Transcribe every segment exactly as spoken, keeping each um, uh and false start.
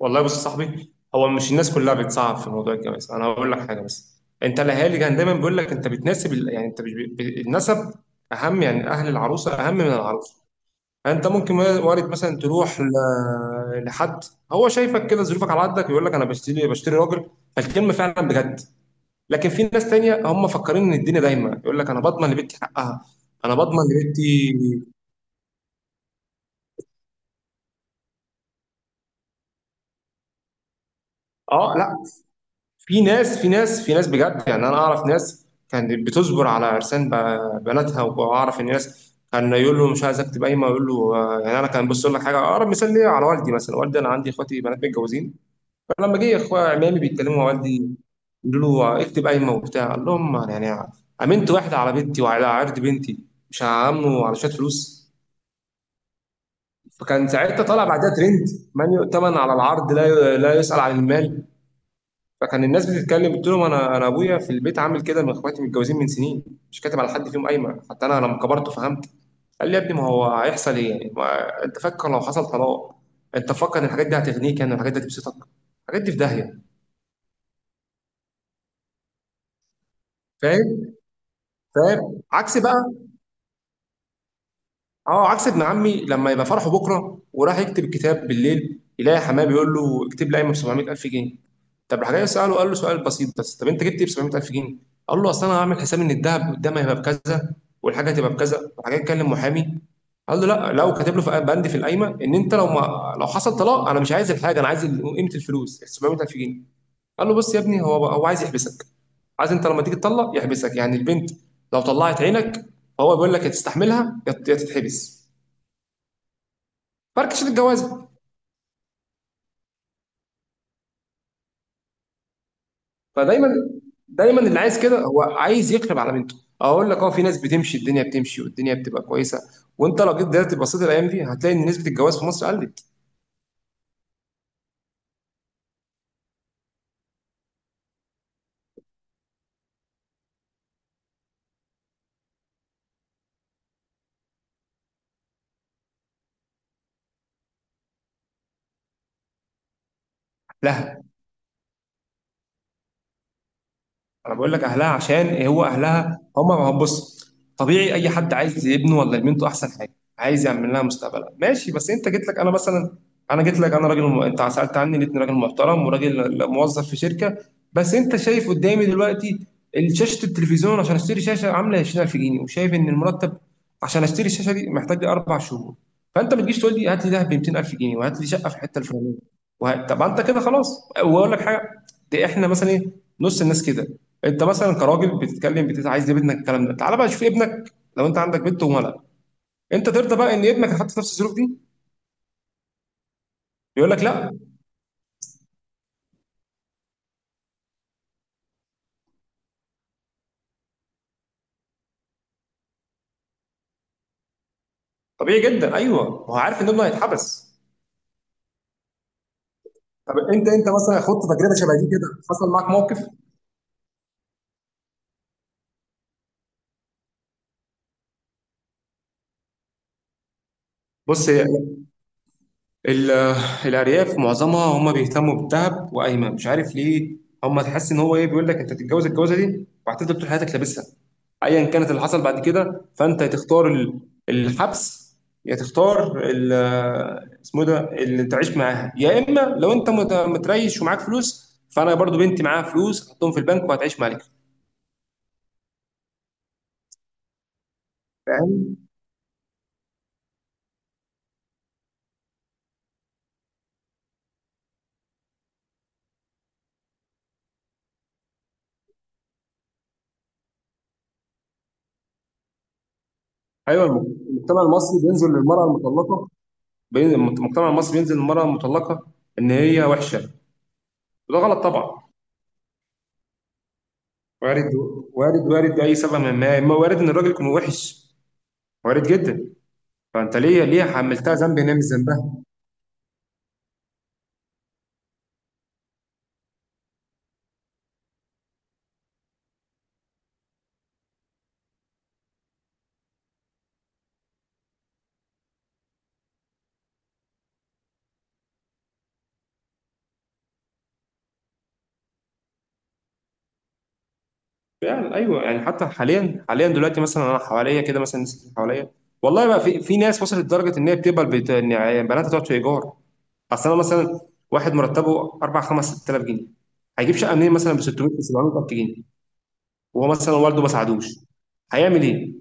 والله بص يا صاحبي، هو مش الناس كلها بتصعب في موضوع الجواز. انا هقول لك حاجه بس. انت الاهالي كان دايما بيقول لك انت بتناسب ال- يعني انت مش بي- بي- النسب اهم، يعني اهل العروسه اهم من العروسه. فانت ممكن وارد مثلا تروح ل- لحد هو شايفك كده ظروفك على قدك، يقول لك انا بشتري بشتري راجل، فالكلمه فعلا بجد. لكن في ناس تانية هم مفكرين ان الدنيا دايما، يقول لك انا بضمن لبنتي حقها، انا بضمن لبنتي. اه لا، في ناس، في ناس، في ناس بجد يعني، انا اعرف ناس كانت بتصبر على عرسان ب- بناتها، واعرف ان ناس كان يقول له مش عايز اكتب قايمه، يقول له آه، يعني انا كان بص لك حاجه، اقرب مثال ليا على والدي مثلا. والدي انا عندي اخواتي بنات متجوزين، فلما جه اخويا عمامي بيتكلموا مع والدي، يقولوا له آه، اكتب قايمه وبتاع، قال لهم يعني امنت واحده على بنتي وعلى عرض بنتي، مش هعمله على شويه فلوس. فكان ساعتها طالع بعدها ترند، من يؤتمن على العرض لا لا يسأل عن المال. فكان الناس بتتكلم قلت لهم انا انا ابويا في البيت عامل كده، من اخواتي متجوزين من سنين مش كاتب على حد فيهم قايمه. حتى انا لما كبرت فهمت، قال لي يا ابني ما هو هيحصل ايه يعني، ما انت فكر لو حصل طلاق، انت فكر ان الحاجات دي هتغنيك يعني، الحاجات دي هتبسطك؟ الحاجات دي في داهيه. فاهم؟ فاهم عكس بقى. اه عكس ابن عمي، لما يبقى فرحه بكره وراح يكتب الكتاب بالليل، يلاقي حماه بيقول له اكتب لي قايمه ب سبعمية ألف جنيه. طب راح جاي ساله، قال له سؤال بسيط بس، طب انت جبت ايه ب سبعمية ألف جنيه؟ قال له اصل انا هعمل حساب ان الذهب قدام هيبقى بكذا والحاجه هتبقى بكذا. راح جاي يتكلم محامي، قال له لا، لو كاتب له في بند في القايمه ان انت لو ما لو حصل طلاق، انا مش عايز الحاجه، انا عايز ال- قيمه الفلوس سبعمية ألف جنيه. قال له بص يا ابني، هو هو عايز يحبسك، عايز انت لما تيجي تطلق يحبسك يعني، البنت لو طلعت عينك هو بيقول لك يا تستحملها يا يا تتحبس. فركش الجواز. فدايما دايما اللي عايز كده هو عايز يقلب على بنته. اقول لك اه، في ناس بتمشي الدنيا بتمشي والدنيا بتبقى كويسه. وانت لو جيت دلوقتي بصيت الايام دي، هتلاقي ان نسبه الجواز في مصر قلت. لا انا بقول لك اهلها، عشان هو اهلها هم. ما هو بص، طبيعي اي حد عايز ابنه ولا بنته احسن حاجه، عايز يعمل لها مستقبلها ماشي. بس انت جيت لك انا مثلا، انا جيت لك انا راجل م... انت سالت عني لقيتني راجل محترم وراجل موظف في شركه، بس انت شايف قدامي دلوقتي شاشه التلفزيون، عشان اشتري شاشه عامله عشرين ألف جنيه وشايف ان المرتب عشان اشتري الشاشه دي محتاج لي اربع شهور. فانت ما تجيش تقول لي هات لي ده ب مئتين ألف جنيه وهات لي شقه في الحته الفلانيه. وه... طب انت كده خلاص. واقول لك حاجه، دي احنا مثلا ايه، نص الناس كده. انت مثلا كراجل بتتكلم بتت عايز يا ابنك الكلام ده، تعالى بقى شوف ابنك. لو انت عندك بنت وولد، انت ترضى بقى ان ابنك يتحط في نفس الظروف دي؟ يقول لك لا. طبيعي جدا، ايوه، ما هو عارف ان ابنه هيتحبس. طب انت انت مثلا خدت تجربه شبه دي كده، حصل معاك موقف؟ بص هي ال- الأرياف معظمها هم بيهتموا بالذهب وقايمة مش عارف ليه. هم تحس إن هو إيه، بيقول لك أنت تتجوز الجوازة دي وهتفضل طول حياتك لابسها، أيا كانت اللي حصل بعد كده. فأنت هتختار ال- الحبس، يا تختار ال- اسمه إيه ده اللي تعيش معاها، يا إما لو أنت مت- متريش ومعاك فلوس، فأنا برضو بنتي معاها فلوس هحطهم في البنك وهتعيش معاك. فاهم؟ أيوه، الم- المجتمع المصري بينزل للمرأة المطلقة، بين- المجتمع المصري بينزل للمرأة المطلقة إن هي وحشة، وده غلط طبعا. وارد، وارد، وارد اي سبب، من ما ما وارد ان الراجل يكون وحش، وارد جدا. فانت ليه، ليه حملتها ذنب؟ هنا مش ذنبها. يعني ايوه يعني، حتى حاليا، حاليا دلوقتي مثلا، انا حواليا كده مثلا الناس اللي حواليا، والله بقى في، في ناس وصلت لدرجه ان هي بتقبل بت... ان يعني بناتها تقعد في ايجار. اصل انا مثلا واحد مرتبه أربعة خمسة ستة آلاف جنيه، هيجيب شقه منين مثلا ب ستمية سبعمية جنيه؟ وهو مثلا والده ما ساعدوش، هيعمل ايه؟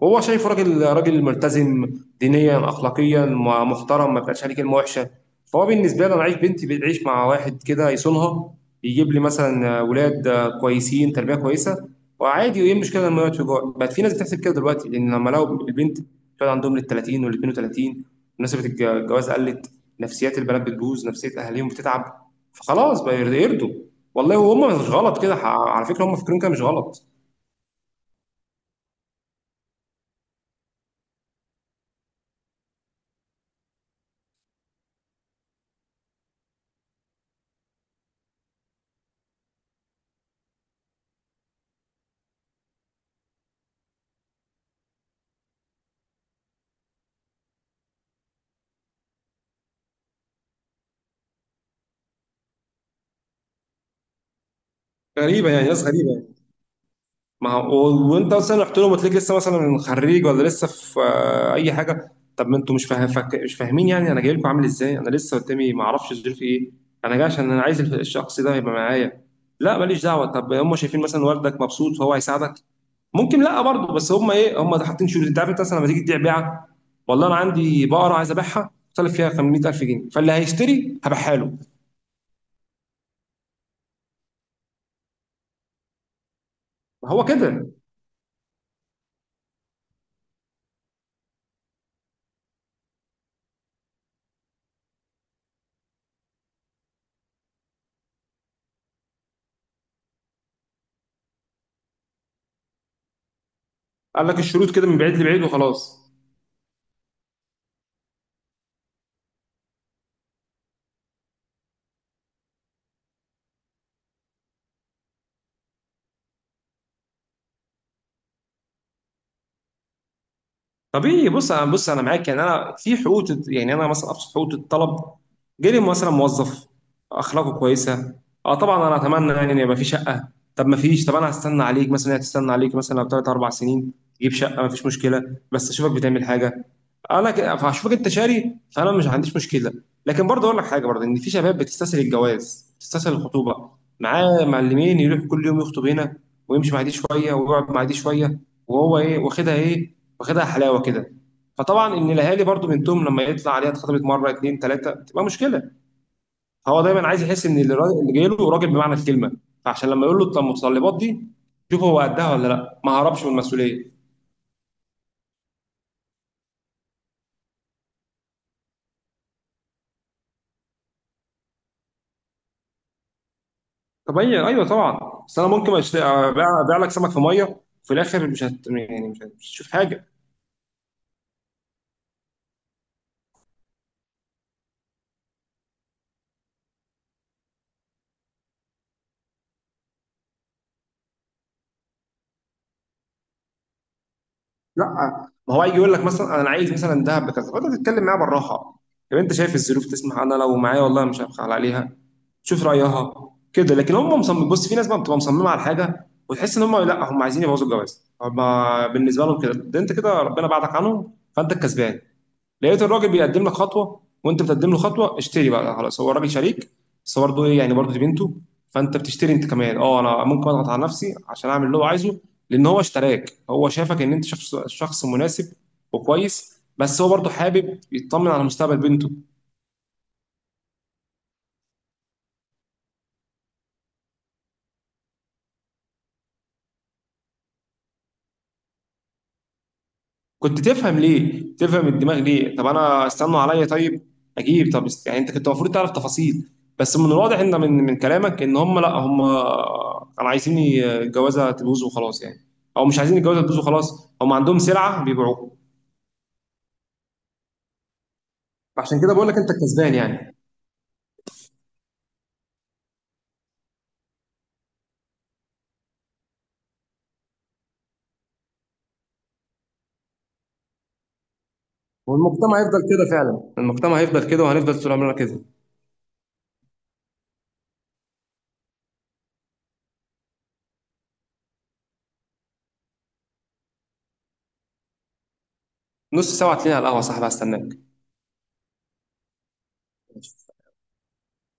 وهو شايفه راجل، راجل ملتزم دينيا اخلاقيا، م- محترم ما بقاش عليه كلمه وحشه. فهو بالنسبه لي انا عايز بنتي بتعيش مع واحد كده يصونها، يجيب لي مثلا ولاد كويسين تربيه كويسه، وعادي. وايه المشكله لما يقعد في جوع؟ بقت في ناس بتحسب كده دلوقتي، لان لما لقوا البنت بتقعد عندهم لل تلاتين وال اتنين وتلاتين، مناسبه الج- الجواز قلت، نفسيات البنات بتبوظ، نفسيه اهاليهم بتتعب، فخلاص بقى يرضوا. والله وهم مش غلط كده، ح- على فكره هم فاكرين كده مش غلط. غريبه يعني، ناس غريبه يعني. ما هو وانت مثلا رحت لهم وتلاقيك لسه مثلا خريج، ولا لسه في آه، اي حاجه، طب ما انتوا مش فاهم فك- مش فاهمين يعني انا جاي لكم عامل ازاي. انا لسه قدامي ما اعرفش ظروفي ايه، انا جاي عشان انا عايز الشخص ده يبقى معايا. لا ماليش دعوه. طب هم شايفين مثلا والدك مبسوط فهو هيساعدك، ممكن. لا برضه، بس هم ايه، هم حاطين شروط. انت عارف انت مثلا لما تيجي تبيع بيعه، والله انا عندي بقره عايز ابيعها طالب فيها خمسمية ألف جنيه، فاللي هيشتري هبيعها له. هو كده، قال لك الشروط كده من بعيد لبعيد وخلاص. طبيعي، بص انا، بص انا معاك يعني، انا في حقوق يعني، انا مثلا ابسط حقوق الطلب. جالي مثلا موظف، اخلاقه كويسه، اه طبعا انا اتمنى يعني ان يبقى في شقه. طب ما فيش؟ طب انا هستنى عليك مثلا، هي تستنى عليك مثلا بثلاث اربع سنين تجيب شقه، ما فيش مشكله، بس اشوفك بتعمل حاجه. انا ك... فهشوفك انت شاري، فانا مش عنديش مشكله. لكن برضه اقول لك حاجه برضه، ان في شباب بتستسهل الجواز، بتستسهل الخطوبه. معاه معلمين، يروح كل يوم يخطب هنا، ويمشي مع دي شويه ويقعد مع دي شويه، وهو ايه واخدها، ايه واخدها حلاوه كده. فطبعا ان الاهالي برضه بنتهم لما يطلع عليها اتخطبت مره اتنين تلاته، بتبقى مشكله. فهو دايما عايز يحس ان اللي راجل- اللي جاي له راجل بمعنى الكلمه. فعشان لما يقول له التم- المتطلبات دي شوف هو قدها ولا لا، ما هربش من المسؤوليه. طب هي ايوه طبعا، بس انا ممكن أشت- ابيع، أبيع لك سمك في ميه، وفي الاخر مش هت... يعني مش هت- مش هتشوف حاجه. لا آه، ما هو هيجي يقول لك مثلا انا عايز مثلا دهب بكذا، فانت تتكلم معاه بالراحه. طب انت شايف الظروف تسمح، انا لو معايا والله مش هبخل عليها، شوف رايها كده. لكن هم مصمم، بص في ناس بقى بتبقى مصممه على حاجه، وتحس ان هم لا، هم عايزين يبوظوا الجواز. هم بالنسبه لهم كده، ده انت كده ربنا بعدك عنهم، فانت الكسبان. لقيت الراجل بيقدم لك خطوه وانت بتقدم له خطوه، اشتري بقى خلاص، هو الراجل شريك. بس برضه ايه يعني، برضه دي بنته، فانت بتشتري انت كمان. اه انا ممكن اضغط على نفسي عشان اعمل اللي هو عايزه، لان هو اشتراك، هو شافك ان انت شخص، شخص مناسب وكويس، بس هو برضه حابب يطمن على مستقبل بنته. كنت تفهم ليه، تفهم الدماغ ليه. طب انا استنوا عليا طيب اجيب. طب است- يعني انت كنت المفروض تعرف تفاصيل. بس من الواضح ان، من من كلامك، ان هم لا، هم كانوا عايزين الجوازه تبوظ وخلاص يعني، او مش عايزين الجوازه تبوظ وخلاص، هم عندهم سلعه بيبيعوها. عشان كده بقول لك انت الكسبان يعني. والمجتمع هيفضل كده فعلا، المجتمع هيفضل كده، وهنفضل طول عمرنا كده. نص ساعه هتلاقيني على القهوه يا صاحبي، هستناك.